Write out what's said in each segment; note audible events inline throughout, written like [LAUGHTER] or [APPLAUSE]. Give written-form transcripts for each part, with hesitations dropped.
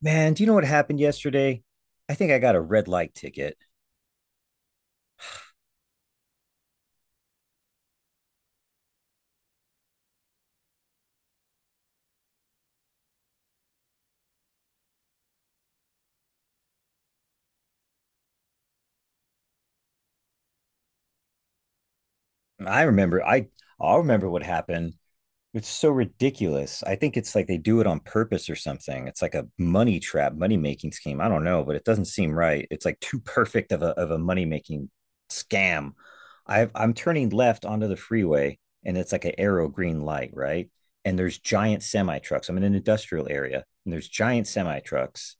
Man, do you know what happened yesterday? I think I got a red light ticket. I remember I I'll remember what happened. It's so ridiculous. I think it's like they do it on purpose or something. It's like a money trap, money making scheme. I don't know, but it doesn't seem right. It's like too perfect of a money making scam. I'm turning left onto the freeway, and it's like an arrow green light, right? And there's giant semi trucks. I'm in an industrial area and there's giant semi trucks,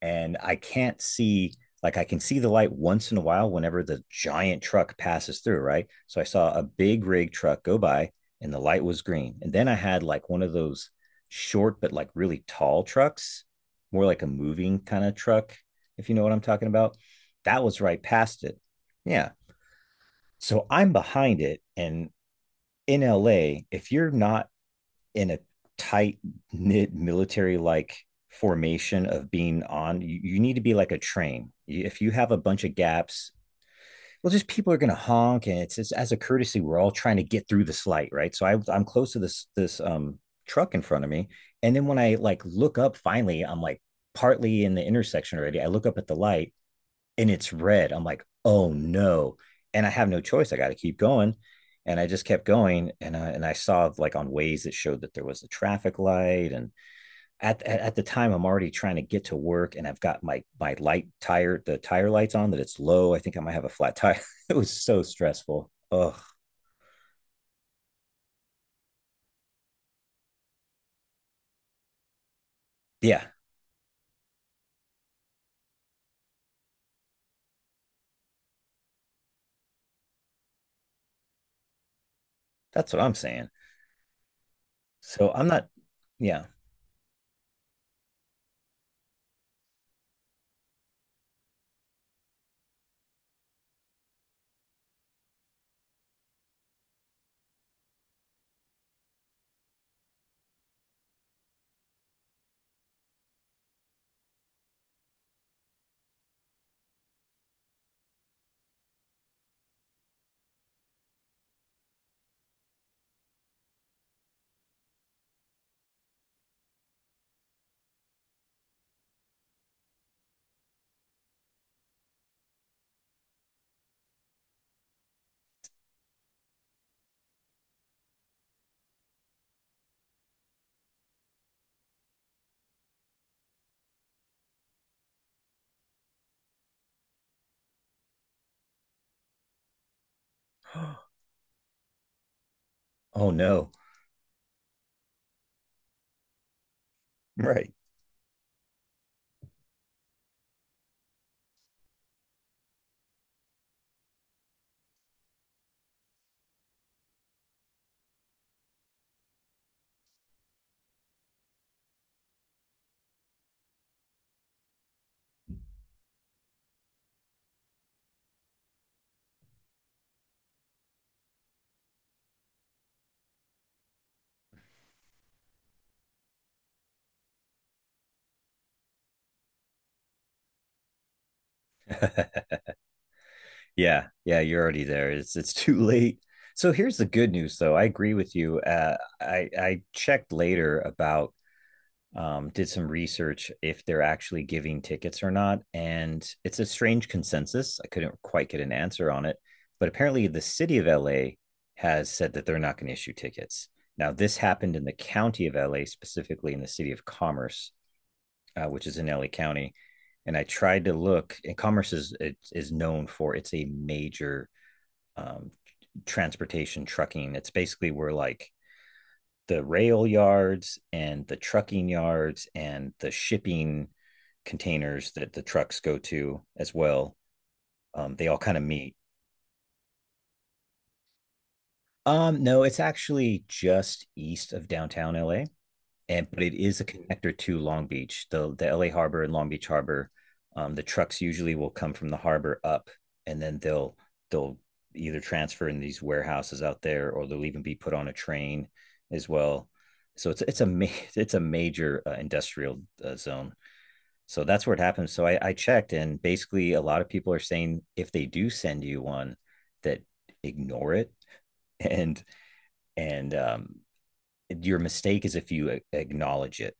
and I can't see, like I can see the light once in a while whenever the giant truck passes through, right? So I saw a big rig truck go by and the light was green. And then I had like one of those short but like really tall trucks, more like a moving kind of truck, if you know what I'm talking about. That was right past it. Yeah. So I'm behind it, and in LA, if you're not in a tight knit military like formation of being on you, you need to be like a train. If you have a bunch of gaps, well, just people are going to honk, and it's as a courtesy we're all trying to get through this light, right? So I'm close to this truck in front of me. And then when I like look up finally, I'm like partly in the intersection already. I look up at the light and it's red. I'm like, oh no. And I have no choice. I got to keep going. And I just kept going. And I saw like on ways that showed that there was a traffic light. And at the time, I'm already trying to get to work, and I've got my light tire, the tire lights on that it's low. I think I might have a flat tire. [LAUGHS] It was so stressful. Oh, yeah. That's what I'm saying. So I'm not, yeah. [GASPS] Oh no. Right. [LAUGHS] Yeah, yeah, you're already there. It's [LAUGHS] too late. So here's the good news, though. I agree with you. I checked later about did some research if they're actually giving tickets or not, and it's a strange consensus. I couldn't quite get an answer on it, but apparently the city of LA has said that they're not going to issue tickets. Now this happened in the county of LA, specifically in the city of Commerce, which is in LA County. And I tried to look, and Commerce is, it is known for, it's a major um, transportation trucking. It's basically where like the rail yards and the trucking yards and the shipping containers that the trucks go to as well. They all kind of meet. No, it's actually just east of downtown LA. And but it is a connector to Long Beach, the LA Harbor and Long Beach Harbor. The trucks usually will come from the harbor up, and then they'll either transfer in these warehouses out there, or they'll even be put on a train as well. So it's a ma- [LAUGHS] it's a major industrial zone. So that's where it happens. So I checked, and basically a lot of people are saying if they do send you one, that ignore it, [LAUGHS] and and your mistake is if you acknowledge it,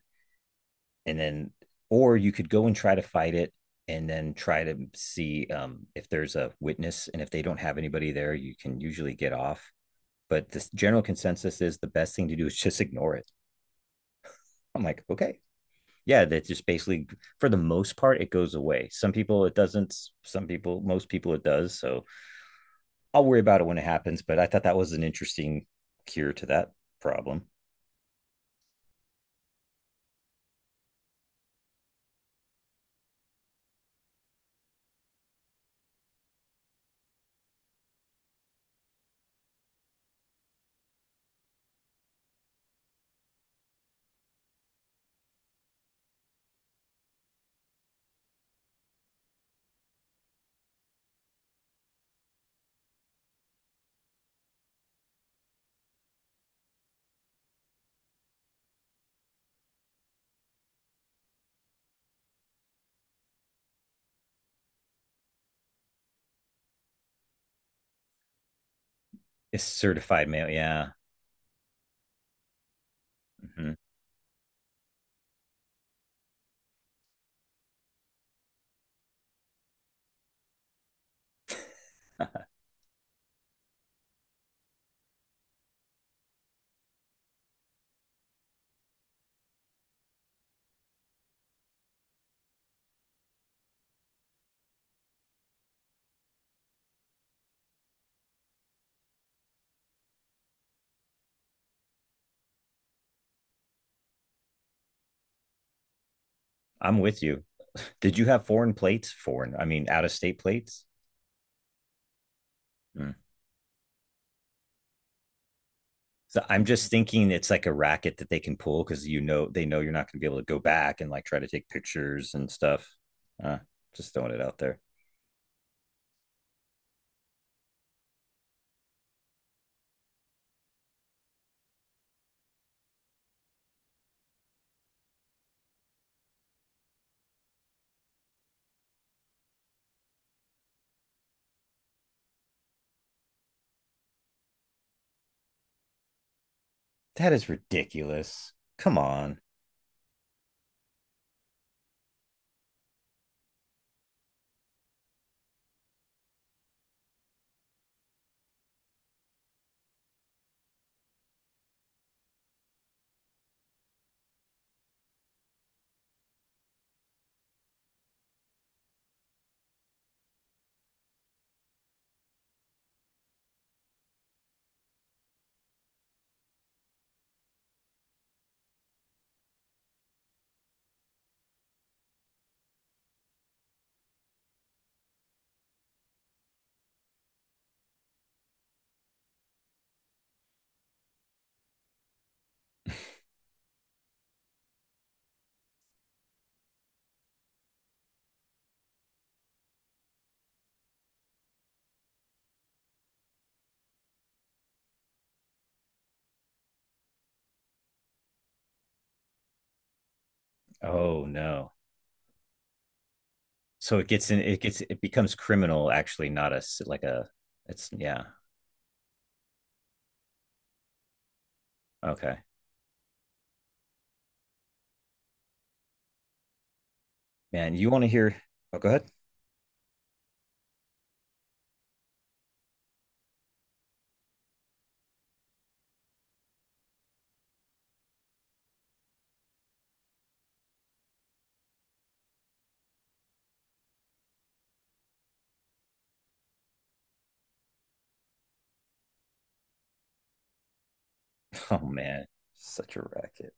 and then, or you could go and try to fight it and then try to see if there's a witness, and if they don't have anybody there you can usually get off. But the general consensus is the best thing to do is just ignore it. I'm like, okay. Yeah, that just basically for the most part it goes away. Some people it doesn't, some people, most people it does. So I'll worry about it when it happens, but I thought that was an interesting cure to that problem. It's certified mail, yeah. Mm-hmm. [LAUGHS] I'm with you. Did you have foreign plates? Foreign, I mean, out of state plates. Mm. So I'm just thinking it's like a racket that they can pull because you know they know you're not going to be able to go back and like try to take pictures and stuff. Uh, just throwing it out there. That is ridiculous. Come on. Oh no. So it gets in. It gets. It becomes criminal. Actually, not a s- like a. It's, yeah. Okay, man. You want to hear? Oh, go ahead. [LAUGHS] Oh man, such a racket.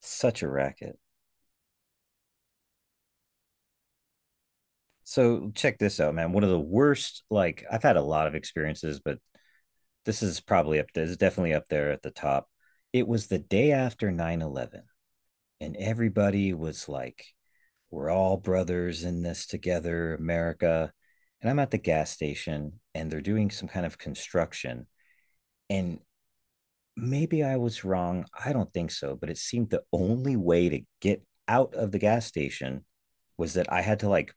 Such a racket. So check this out, man. One of the worst, like I've had a lot of experiences, but this is probably up there. It's definitely up there at the top. It was the day after 9/11, and everybody was like, we're all brothers in this together, America. And I'm at the gas station and they're doing some kind of construction, and maybe I was wrong. I don't think so, but it seemed the only way to get out of the gas station was that I had to like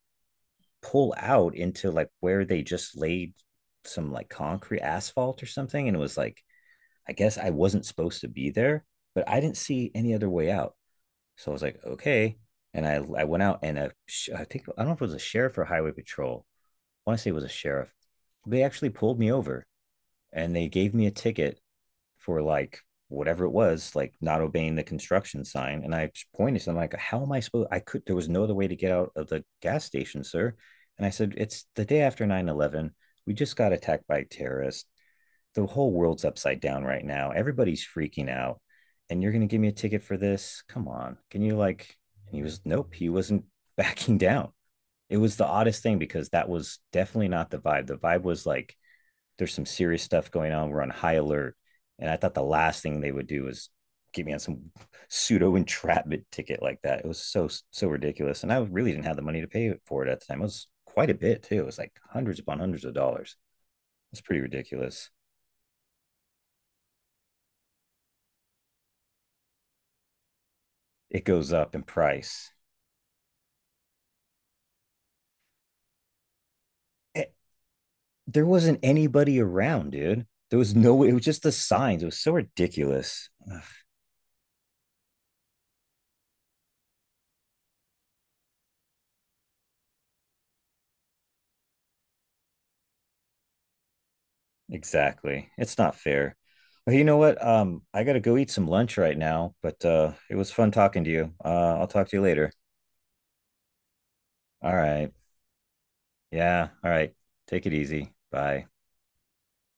pull out into like where they just laid some like concrete asphalt or something, and it was like I guess I wasn't supposed to be there, but I didn't see any other way out. So I was like, okay. And I went out. And a I think, I don't know if it was a sheriff or highway patrol. I want to say it was a sheriff. They actually pulled me over, and they gave me a ticket for like whatever it was, like not obeying the construction sign. And I pointed to him like, how am I supposed, I could, there was no other way to get out of the gas station, sir. And I said, it's the day after 9/11. We just got attacked by terrorists. The whole world's upside down right now. Everybody's freaking out. And you're gonna give me a ticket for this? Come on. Can you like, and he was nope, he wasn't [LAUGHS] backing down. It was the oddest thing because that was definitely not the vibe. The vibe was like there's some serious stuff going on. We're on high alert. And I thought the last thing they would do was get me on some pseudo entrapment ticket like that. It was so, so ridiculous. And I really didn't have the money to pay for it at the time. It was quite a bit too. It was like hundreds upon hundreds of dollars. It's pretty ridiculous. It goes up in price. It, there wasn't anybody around, dude. There was no way. It was just the signs. It was so ridiculous. Ugh. Exactly. It's not fair. Well, you know what? I gotta go eat some lunch right now, but it was fun talking to you. I'll talk to you later. All right. Yeah. All right. Take it easy. Bye.